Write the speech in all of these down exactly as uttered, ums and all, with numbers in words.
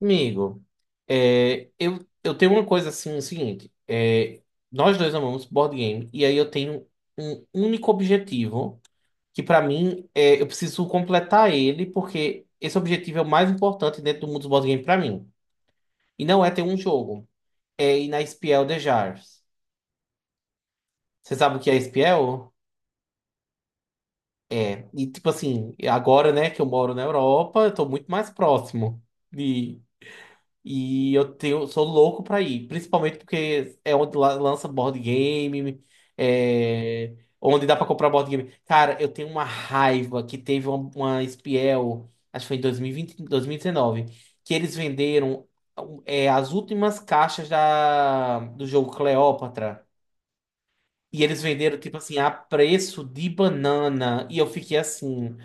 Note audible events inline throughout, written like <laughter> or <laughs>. Amigo, é, eu, eu tenho uma coisa assim, o seguinte, é, nós dois amamos board game, e aí eu tenho um único objetivo, que pra mim, é, eu preciso completar ele, porque esse objetivo é o mais importante dentro do mundo dos board game pra mim. E não é ter um jogo, é ir na Espiel de Jars. Você sabe o que é Espiel? E tipo assim, agora, né, que eu moro na Europa, eu tô muito mais próximo. E eu tenho, sou louco pra ir, principalmente porque é onde la- lança board game, é, onde dá pra comprar board game. Cara, eu tenho uma raiva que teve uma, uma Spiel, acho que foi em dois mil e vinte, dois mil e dezenove, que eles venderam é, as últimas caixas da, do jogo Cleópatra. E eles venderam, tipo assim, a preço de banana. E eu fiquei assim.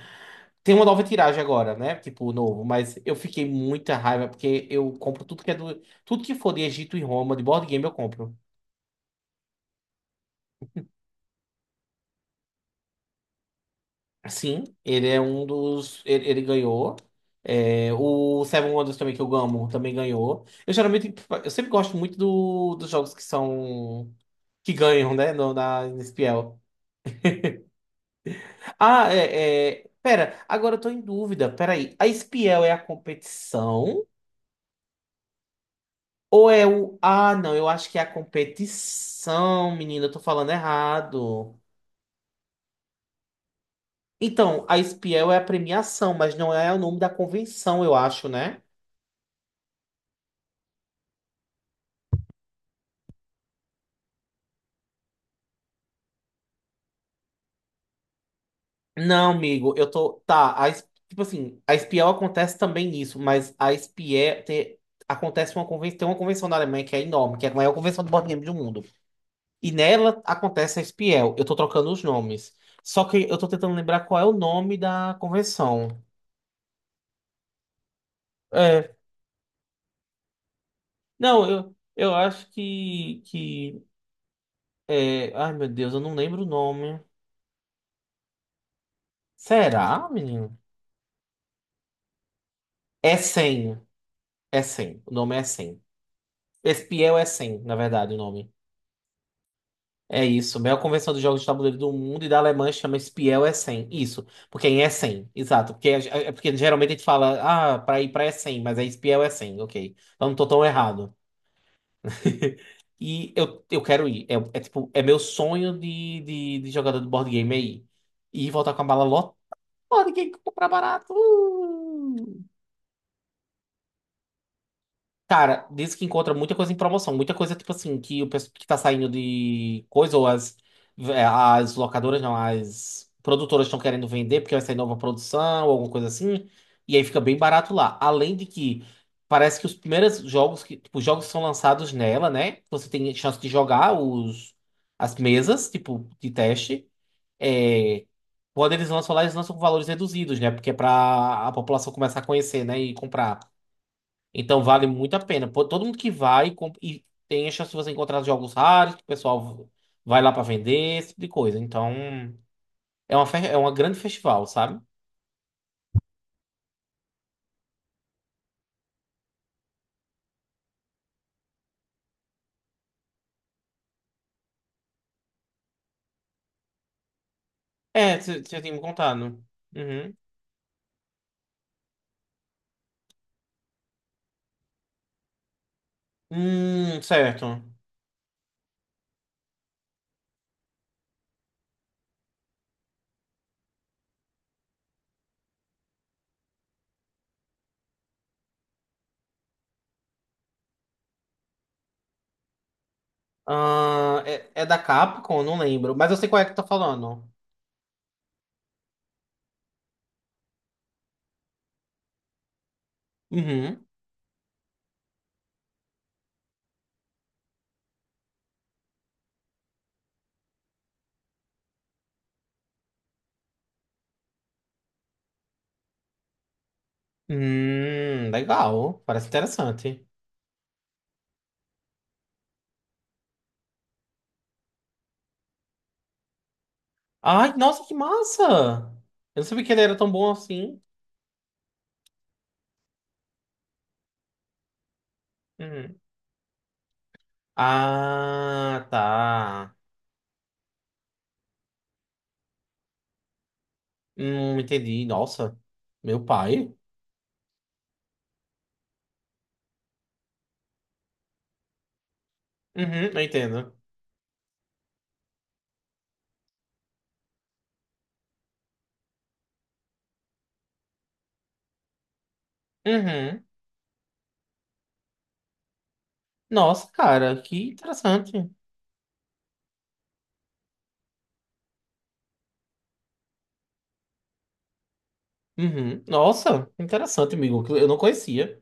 Tem uma nova tiragem agora, né? Tipo, novo, mas eu fiquei muita raiva porque eu compro tudo que é do. Tudo que for de Egito e Roma, de board game, eu compro. Sim, ele é um dos. Ele, ele ganhou. É, o Seven Wonders também, que eu amo, também ganhou. Eu geralmente. Eu sempre gosto muito do, dos jogos que são. Que ganham, né? No, na, na Spiel. Ah, é, é. Pera, agora eu tô em dúvida. Peraí. A Spiel é a competição? Ou é o. Ah, não, eu acho que é a competição, menina, eu tô falando errado. Então, a Spiel é a premiação, mas não é o nome da convenção, eu acho, né? Não, amigo, eu tô. Tá, a, es- tipo assim, a Spiel acontece também nisso, mas a Spiel te- acontece uma convenção. Tem uma convenção na Alemanha que é enorme, que é a maior convenção de board game do mundo. E nela acontece a Spiel. Eu tô trocando os nomes. Só que eu tô tentando lembrar qual é o nome da convenção. É, Não, eu, eu acho que, que é... Ai, meu Deus, eu não lembro o nome. Será, menino? É cem. É cem. O nome é cem. Espiel é cem, na verdade, o nome. É isso. A maior convenção de jogos de tabuleiro do mundo e da Alemanha chama Espiel é cem. Isso. Porque em é cem. Exato. Porque, é é porque geralmente a gente fala, ah, pra ir pra é cem, mas é Espiel é cem. Ok. Então não tô tão errado. <laughs> E eu, eu quero ir. É, é tipo, é meu sonho de, de, de jogador de board game aí. E voltar com a mala. Pô, ninguém compra barato. Uh. Cara, diz que encontra muita coisa em promoção, muita coisa, tipo assim, que o pessoal que tá saindo de coisa, ou as, é, as locadoras, não, as produtoras estão querendo vender porque vai sair nova produção, ou alguma coisa assim, e aí fica bem barato lá. Além de que parece que os primeiros jogos que, tipo, os jogos que são lançados nela, né? Você tem chance de jogar os, as mesas, tipo, de teste. É, quando eles lançam lá, eles lançam com valores reduzidos, né? Porque é pra a população começar a conhecer, né? E comprar. Então vale muito a pena. Pô, todo mundo que vai com- e tem a chance de você encontrar jogos raros, que o pessoal vai lá pra vender, esse tipo de coisa. Então é uma, fe- é uma grande festival, sabe? É, você tinha me contado. Uhum. Hum, certo. Ah, é, é da Capcom, não lembro. Mas eu sei qual é que tá falando. Uhum. Hum, legal. Parece interessante. Ai, nossa, que massa! Eu não sabia que ele era tão bom assim. Uhum. Ah, tá. Hum, entendi. Nossa, meu pai. Uhum, eu entendo. Uhum. Nossa, cara, que interessante. Uhum. Nossa, interessante, amigo, que eu não conhecia.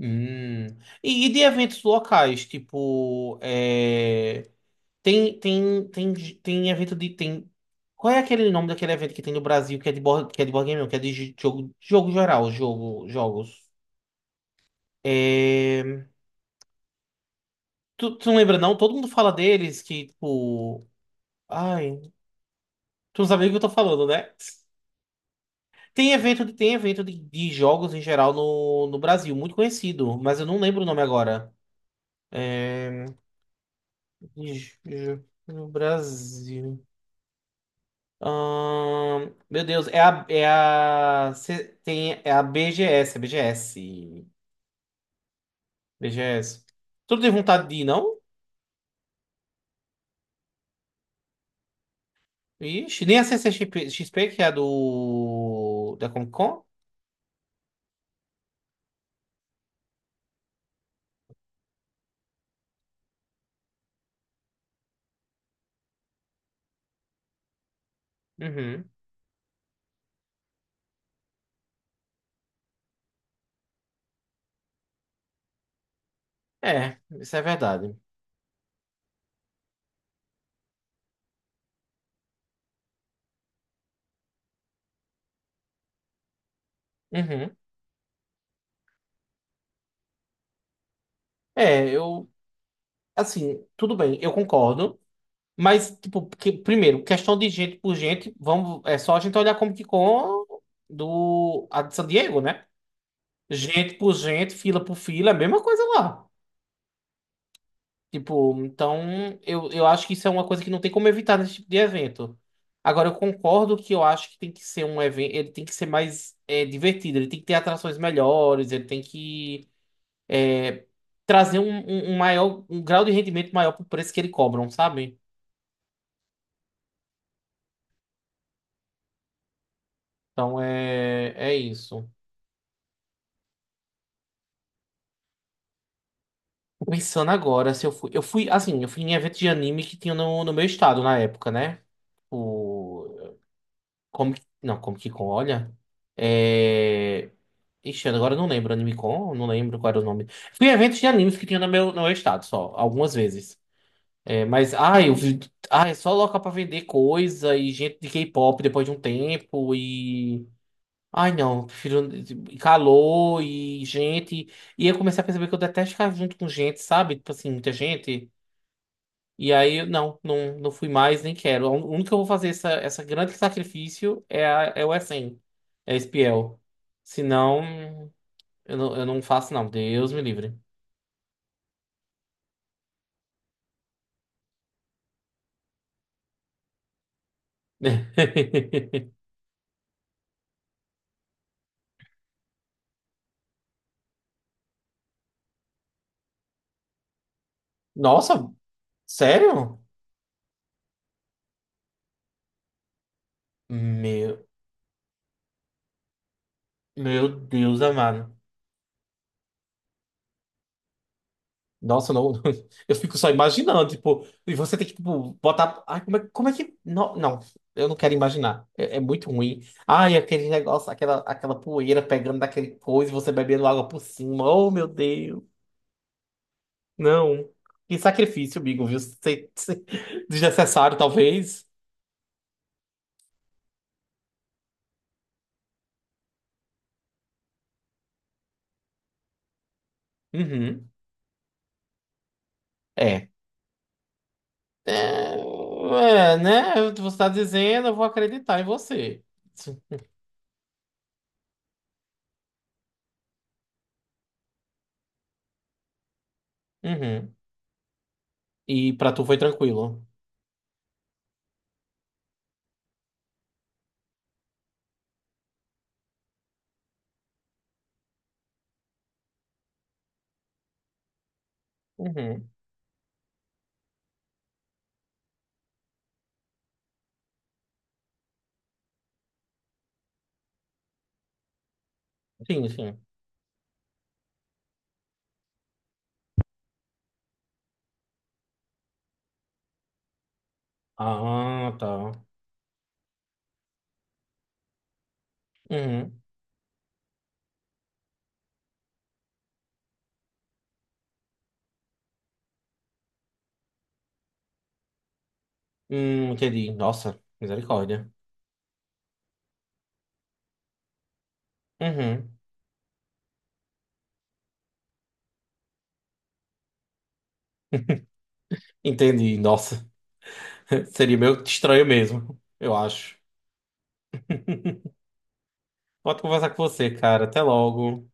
Hum. E, e de eventos locais, tipo, é... Tem, tem, tem, tem evento de. Tem... Qual é aquele nome daquele evento que tem no Brasil que é de board, que é de board game, não, que é de j- jogo, jogo geral, jogo, jogos. É... Tu, tu não lembra, não? Todo mundo fala deles que, tipo. Ai, tu não sabe o que eu tô falando, né? Tem evento, de- tem evento de, de jogos em geral no, no Brasil, muito conhecido, mas eu não lembro o nome agora. É... de j- j- No Brasil. Ahn, meu Deus, é a, é a, cê tem, é a B G S, é B G S, B G S. Tu não tem vontade de ir, não? Ixi, nem a C C X P, que é a do, da Comic Con? Uhum. É, isso é verdade. Uhum. É, eu, assim, tudo bem, eu concordo, mas, tipo, porque, primeiro, questão de gente por gente, vamos, é só a gente olhar a Comic Con do, a de San Diego, né? Gente por gente, fila por fila, é a mesma coisa lá. Tipo, então eu, eu acho que isso é uma coisa que não tem como evitar nesse tipo de evento. Agora, eu concordo que eu acho que tem que ser um evento, ele tem que ser mais é, divertido, ele tem que ter atrações melhores, ele tem que é, trazer um, um, um maior, um grau de rendimento maior pro preço que ele cobram, sabe? Então é, é isso. Tô pensando agora, se eu fui, eu fui, assim, eu fui em evento de anime que tinha no, no meu estado na época, né? Tipo, como que. Não, como que com, olha. É. Ixi, agora eu não lembro. Anime-Con, não lembro qual era o nome. Fui em eventos de animes que tinha no meu, no meu estado só, algumas vezes. É, mas, ai, eu vi. Ai, é só local pra vender coisa e gente de K-pop depois de um tempo e. Ai, não, prefiro e calor e gente. E eu comecei a perceber que eu detesto ficar junto com gente, sabe? Tipo assim, muita gente. E aí, eu- não, não, não fui mais, nem quero. O único que eu vou fazer essa, essa grande sacrifício é, a, é o S N, é espiel. Senão, eu não, eu não faço, não. Deus me livre. <laughs> Nossa, sério? Meu, meu Deus amado. Nossa, não, <laughs> eu fico só imaginando, tipo, e você tem que, tipo, botar. Ai, como é, como é que. Não, não, eu não quero imaginar. É, é muito ruim. Ai, aquele negócio, aquela, aquela poeira pegando daquele coisa e você bebendo água por cima. Oh, meu Deus. Não. Que sacrifício, amigo, viu? Se- se- Desnecessário, talvez. Uhum. É. É, é, né? Você tá dizendo, eu vou acreditar em você. Uhum. E pra tu foi tranquilo. Uhum. Sim, sim. Ah, tá. Uhum. Hum, entendi. Nossa, misericórdia. Uhum. Entendi, nossa. <laughs> Seria meio que estranho mesmo, eu acho. <laughs> Pode conversar com você, cara. Até logo.